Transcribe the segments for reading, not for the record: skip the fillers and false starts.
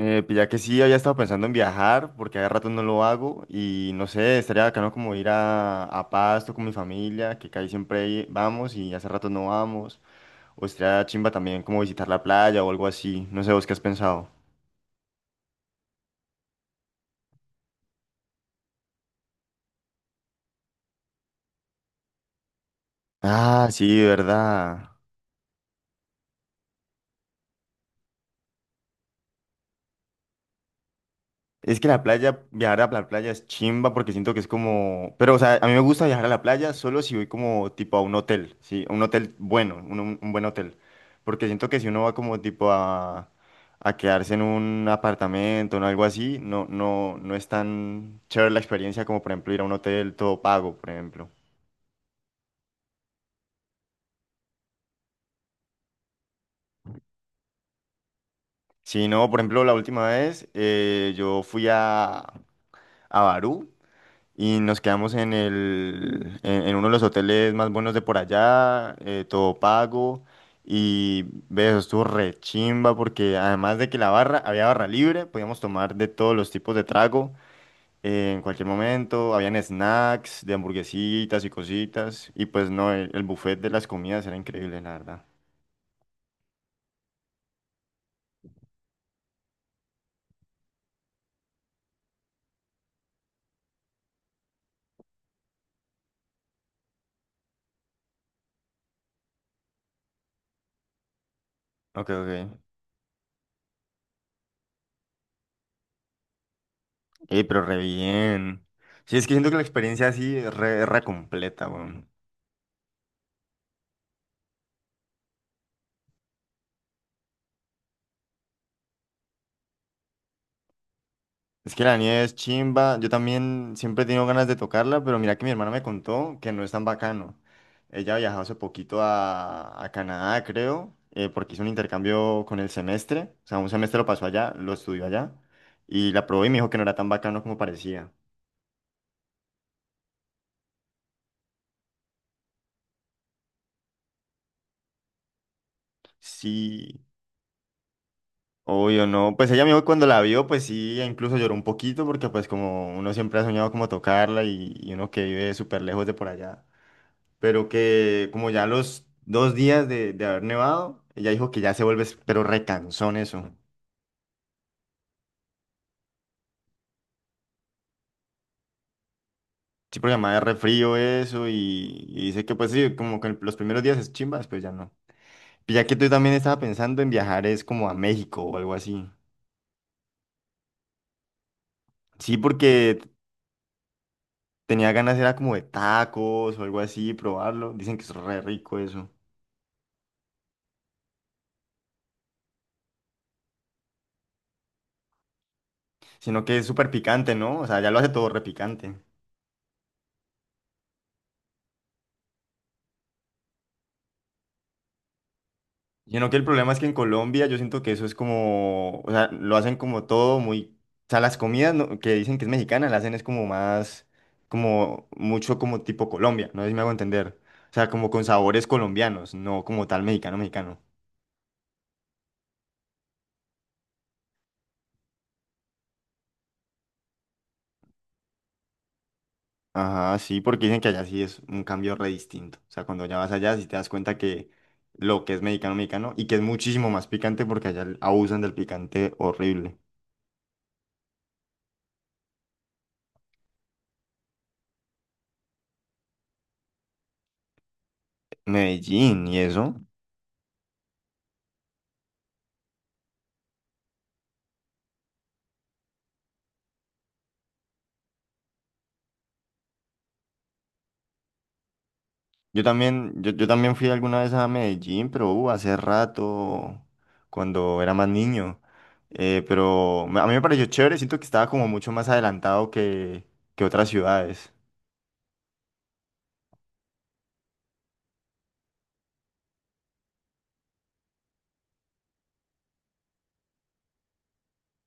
Pues ya que sí, había estado pensando en viajar, porque hace rato no lo hago, y no sé, estaría bacano como ir a Pasto con mi familia, que casi siempre vamos y hace rato no vamos, o estaría chimba también como visitar la playa o algo así, no sé, ¿vos qué has pensado? Ah, sí, verdad. Es que la playa, viajar a la playa es chimba porque siento que es Pero, o sea, a mí me gusta viajar a la playa solo si voy como tipo a un hotel, ¿sí? Un hotel bueno, un buen hotel. Porque siento que si uno va como tipo a quedarse en un apartamento o algo así, no es tan chévere la experiencia como, por ejemplo, ir a un hotel todo pago, por ejemplo. Si no, por ejemplo, la última vez yo fui a Barú. Y nos quedamos en en uno de los hoteles más buenos de por allá, todo pago. Y ve, eso estuvo re chimba porque además de que había barra libre, podíamos tomar de todos los tipos de trago en cualquier momento. Habían snacks de hamburguesitas y cositas. Y pues no, el buffet de las comidas era increíble, la verdad. Ok, ok. Ey, pero re bien. Sí, es que siento que la experiencia así es re completa, weón. Es que la nieve es chimba. Yo también siempre he tenido ganas de tocarla, pero mira que mi hermana me contó que no es tan bacano. Ella viajó hace poquito a Canadá, creo, porque hizo un intercambio con el semestre. O sea, un semestre lo pasó allá, lo estudió allá. Y la probó y me dijo que no era tan bacano como parecía. Sí, obvio, no. Pues ella me dijo que cuando la vio, pues sí, e incluso lloró un poquito, porque pues como uno siempre ha soñado como tocarla y uno que vive súper lejos de por allá. Pero que como ya los dos días de haber nevado, ella dijo que ya se vuelve, pero recansón eso. Sí, porque además es re frío eso y dice que pues sí, como que los primeros días es chimba, después ya no. Y ya que tú también estaba pensando en viajar es como a México o algo así. Sí, porque tenía ganas era como de tacos o algo así, probarlo. Dicen que es re rico eso. Sino que es súper picante, ¿no? O sea, ya lo hace todo re picante. Sino que el problema es que en Colombia yo siento que eso es como, o sea, lo hacen como todo muy, o sea, las comidas que dicen que es mexicana, la hacen es como más, como mucho como tipo Colombia, no sé si me hago entender. O sea, como con sabores colombianos, no como tal mexicano, mexicano. Ajá, sí, porque dicen que allá sí es un cambio re distinto. O sea, cuando ya vas allá sí te das cuenta que lo que es mexicano, mexicano, y que es muchísimo más picante porque allá abusan del picante horrible. Medellín y eso. Yo también, yo también fui alguna vez a Medellín, pero hace rato, cuando era más niño. Pero a mí me pareció chévere, siento que estaba como mucho más adelantado que otras ciudades.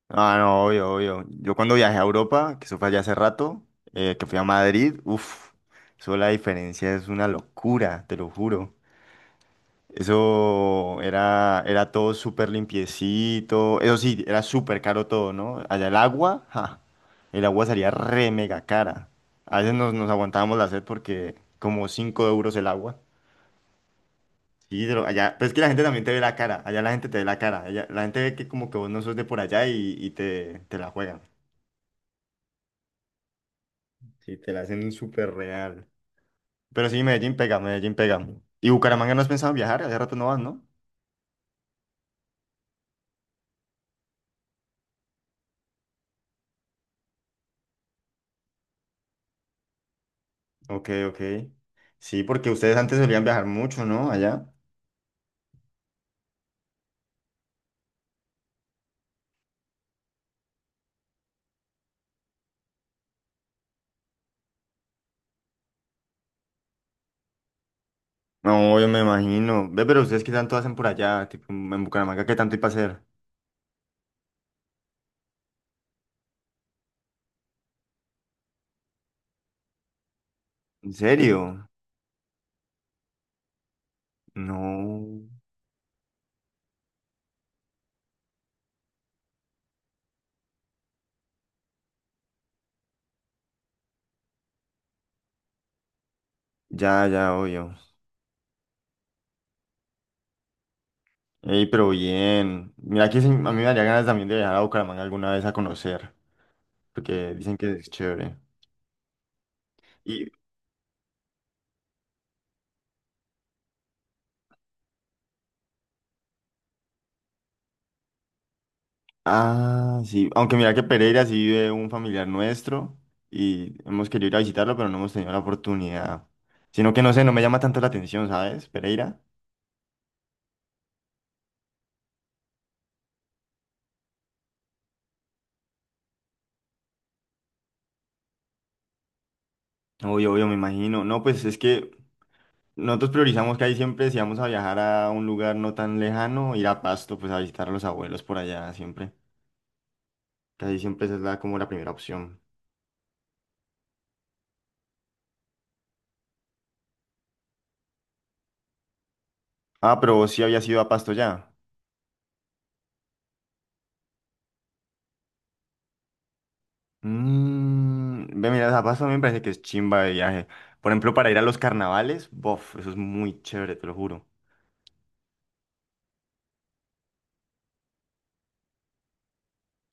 Ah, no, obvio, obvio. Yo cuando viajé a Europa, que eso fue allá hace rato, que fui a Madrid, uff, eso la diferencia es una locura, te lo juro. Eso era todo súper limpiecito. Eso sí, era súper caro todo, ¿no? Allá el agua, ja, el agua salía re mega cara. A veces nos aguantábamos la sed porque como 5 euros el agua. Sí, pero allá, pero es que la gente también te ve la cara. Allá la gente te ve la cara. Allá, la gente ve que como que vos no sos de por allá y te la juegan. Sí, te la hacen súper real. Pero sí, Medellín pega, Medellín pega. ¿Y Bucaramanga no has pensado en viajar? Hace rato no vas, no. Ok, ok. Sí, porque ustedes antes solían viajar mucho, ¿no? Allá. No, yo me imagino. Ve, pero ustedes qué tanto hacen por allá, tipo en Bucaramanga, ¿qué tanto hay para hacer? ¿En serio? No. Ya, ya, obvio. Ey, pero bien. Mira que sí, a mí me daría ganas también de viajar a Bucaramanga alguna vez a conocer, porque dicen que es chévere. Y, ah, sí. Aunque mira que Pereira sí vive un familiar nuestro y hemos querido ir a visitarlo, pero no hemos tenido la oportunidad. Sino que no sé, no me llama tanto la atención, ¿sabes? Pereira. Obvio, obvio, me imagino. No, pues es que nosotros priorizamos que ahí siempre, si vamos a viajar a un lugar no tan lejano, ir a Pasto, pues a visitar a los abuelos por allá siempre. Casi siempre esa es como la primera opción. Ah, pero vos sí habías ido a Pasto ya. Mm, ve, mira, a Pasto a mí me parece que es chimba de viaje. Por ejemplo, para ir a los carnavales, bof, eso es muy chévere, te lo juro.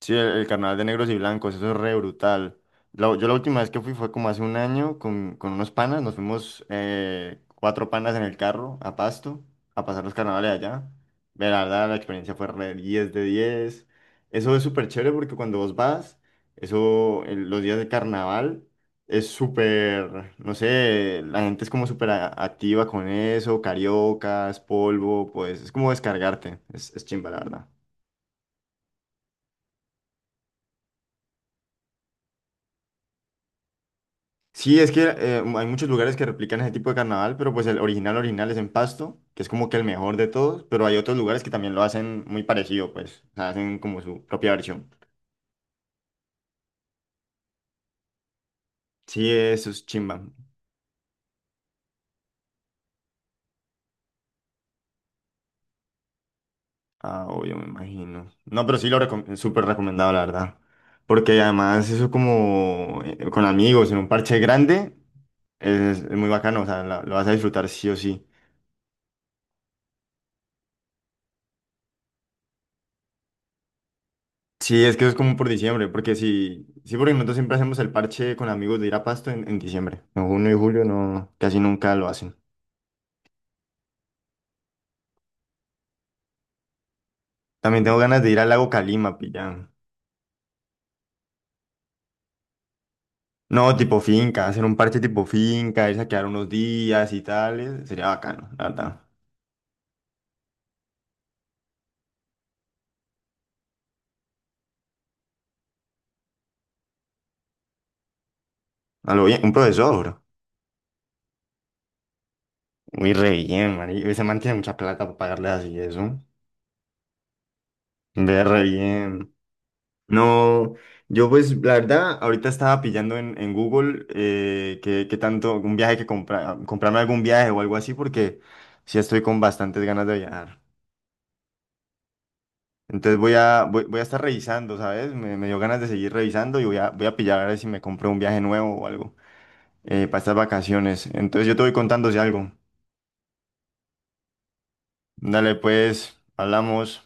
Sí, el carnaval de negros y blancos, eso es re brutal. Yo la última vez que fui fue como hace un año con unos panas, nos fuimos cuatro panas en el carro a Pasto a pasar los carnavales allá. Ve, la verdad, la experiencia fue re 10 de 10. Eso es súper chévere porque cuando vos vas, eso, los días de carnaval es súper, no sé, la gente es como súper activa con eso, cariocas, polvo, pues es como descargarte, es chimba, la verdad. Sí, es que hay muchos lugares que replican ese tipo de carnaval, pero pues el original original es en Pasto, que es como que el mejor de todos, pero hay otros lugares que también lo hacen muy parecido, pues, o sea, hacen como su propia versión. Sí, eso es chimba. Ah, obvio, me imagino. No, pero sí lo súper recomendado, la verdad. Porque además eso como con amigos en un parche grande es muy bacano, o sea, lo vas a disfrutar sí o sí. Sí, es que eso es como por diciembre, porque si, sí, porque nosotros siempre hacemos el parche con amigos de ir a Pasto en diciembre. En junio y julio no, casi nunca lo hacen. También tengo ganas de ir al lago Calima, pillan. No, tipo finca, hacer un parche tipo finca, irse a quedar unos días y tal, sería bacano, la verdad. A lo bien, un profesor, bro. Muy re bien, man. Ese man tiene mucha plata para pagarle así eso. Ve re bien. No, yo pues la verdad, ahorita estaba pillando en Google qué tanto, algún viaje que comprar, comprarme algún viaje o algo así, porque sí estoy con bastantes ganas de viajar. Entonces voy voy a estar revisando, ¿sabes? Me dio ganas de seguir revisando y voy voy a pillar a ver si me compro un viaje nuevo o algo para estas vacaciones. Entonces yo te voy contando si algo. Dale, pues, hablamos.